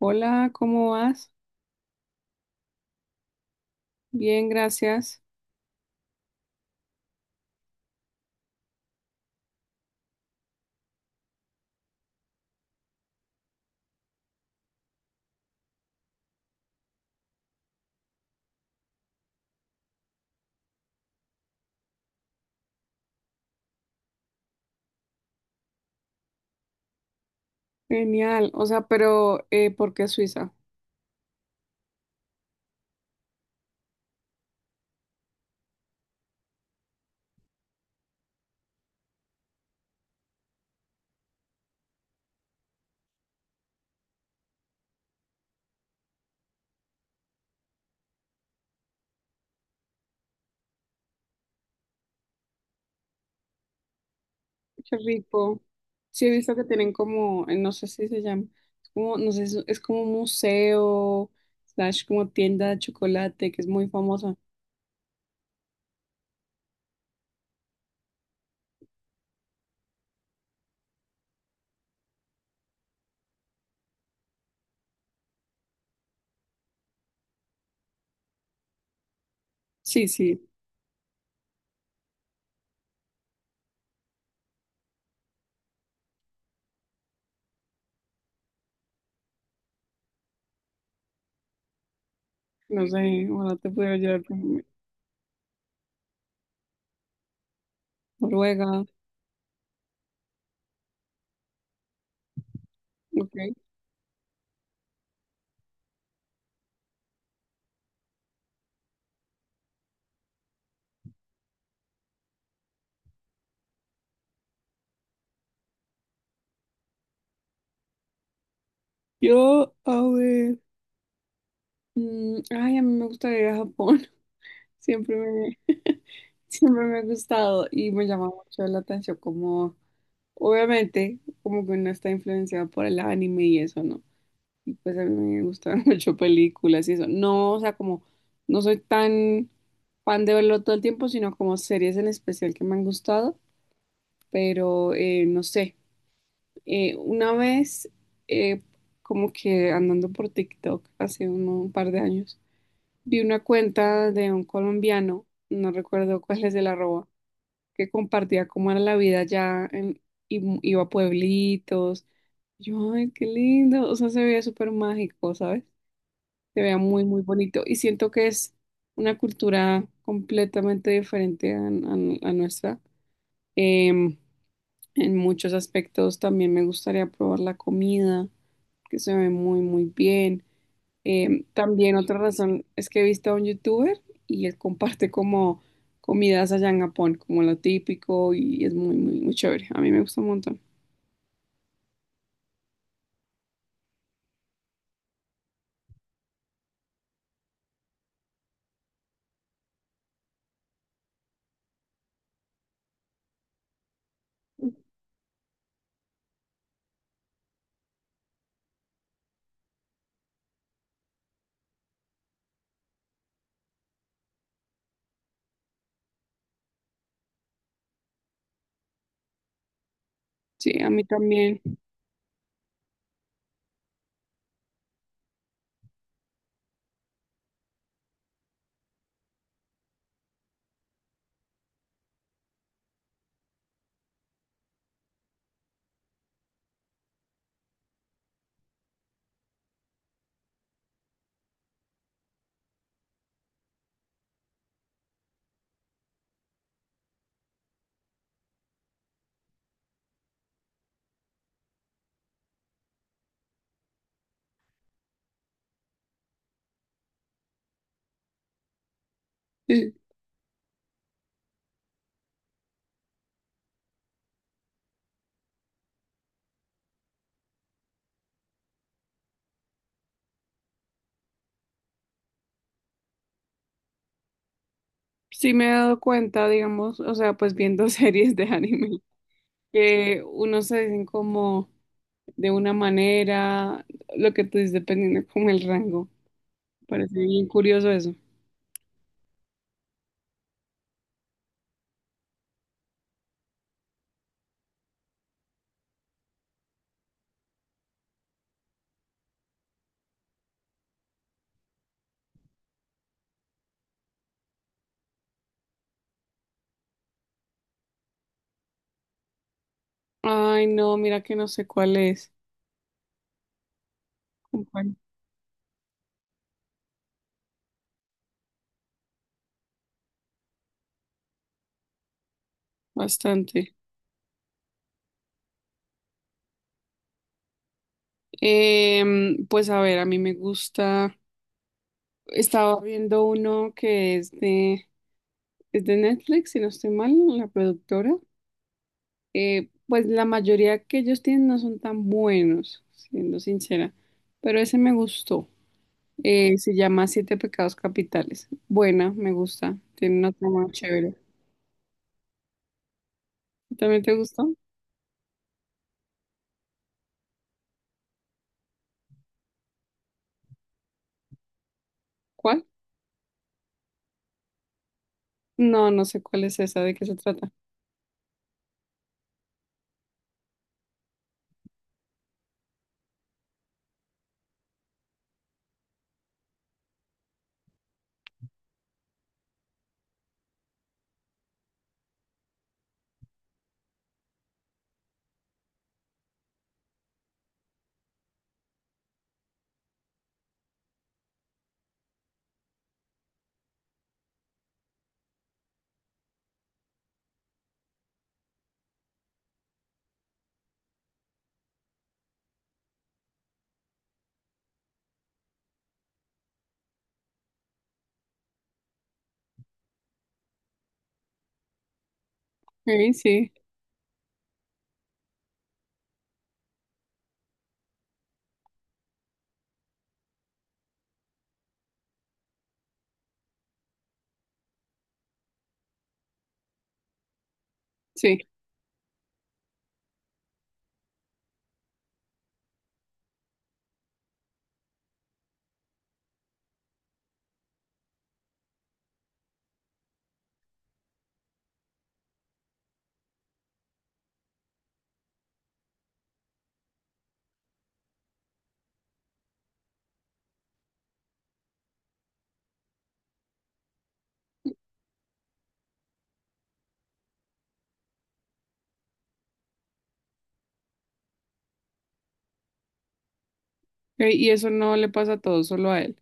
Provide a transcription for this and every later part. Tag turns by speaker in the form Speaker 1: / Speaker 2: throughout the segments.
Speaker 1: Hola, ¿cómo vas? Bien, gracias. Genial. O sea, pero ¿por qué Suiza? Qué rico. Sí, he visto que tienen como, no sé si se llama, es como, no sé, es como un museo, slash como tienda de chocolate, que es muy famosa. Sí, sí, no sé, ojalá te pudiera llevar con Noruega, ok. Yo, a ver, ay, a mí me gustaría ir a Japón, siempre siempre me ha gustado y me llama mucho la atención como. Obviamente, como que uno está influenciado por el anime y eso, ¿no? Y pues a mí me gustan mucho películas y eso. No, o sea, como no soy tan fan de verlo todo el tiempo, sino como series en especial que me han gustado, pero no sé. Una vez, eh, como que andando por TikTok hace un par de años, vi una cuenta de un colombiano, no recuerdo cuál es el arroba que compartía cómo era la vida allá en, y iba a pueblitos. Yo, ay, qué lindo. O sea, se veía súper mágico, ¿sabes? Se veía muy, muy bonito. Y siento que es una cultura completamente diferente a, a nuestra. Em, en muchos aspectos también me gustaría probar la comida, que se ve muy, muy bien. También otra razón es que he visto a un youtuber y él comparte como comidas allá en Japón, como lo típico y es muy, muy, muy chévere. A mí me gusta un montón. Sí, a mí también. Sí, sí me he dado cuenta, digamos, o sea, pues viendo series de anime, que unos se dicen como de una manera, lo que tú dices, dependiendo como el rango. Parece bien curioso eso. Ay, no, mira que no sé cuál es. Compañero. Bastante. Pues a ver, a mí me gusta. Estaba viendo uno que es de Netflix, si no estoy mal, la productora. Pues la mayoría que ellos tienen no son tan buenos, siendo sincera. Pero ese me gustó. Se llama Siete Pecados Capitales. Buena, me gusta. Tiene una trama chévere. ¿También te gustó? ¿Cuál? No, no sé cuál es esa, de qué se trata. Ok, sí, sí. Ok, y eso no le pasa a todos, solo a él.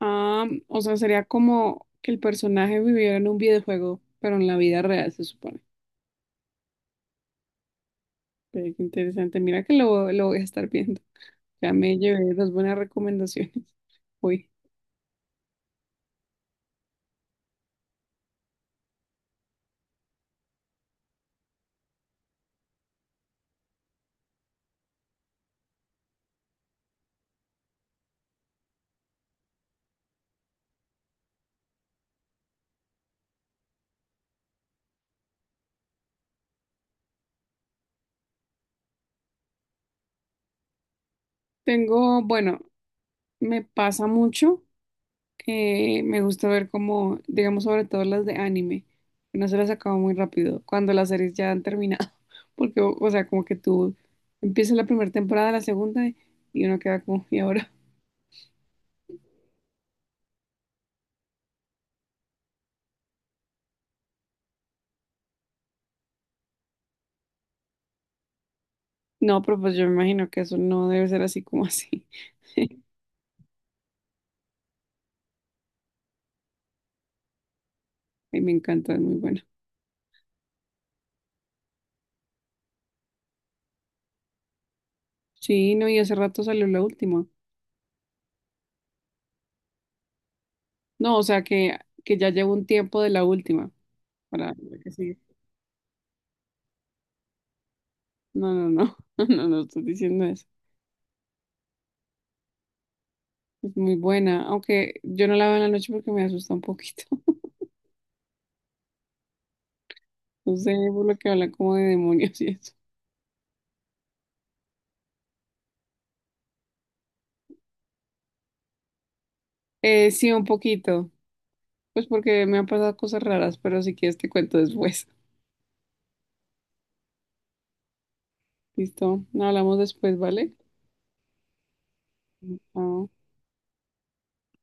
Speaker 1: Ah, o sea, sería como que el personaje viviera en un videojuego, pero en la vida real, se supone. Ve, qué interesante. Mira que lo voy a estar viendo. Ya me llevé dos buenas recomendaciones. Uy, tengo, bueno, me pasa mucho. Me gusta ver como, digamos, sobre todo las de anime, que no se las acaba muy rápido, cuando las series ya han terminado, porque, o sea, como que tú empiezas la primera temporada, la segunda, y uno queda como, ¿y ahora? No, pero pues yo me imagino que eso no debe ser así como así. Ay, me encanta, es muy bueno. Sí, no, y hace rato salió la última. No, o sea, que ya llevo un tiempo de la última, para la que sigue. No, no, no, no, no, no estoy diciendo eso. Es muy buena, aunque yo no la veo en la noche porque me asusta un poquito. No sé, por lo que habla como de demonios y eso. Sí, un poquito. Pues porque me han pasado cosas raras, pero si quieres te cuento después. Listo, no hablamos después, ¿vale? Chao.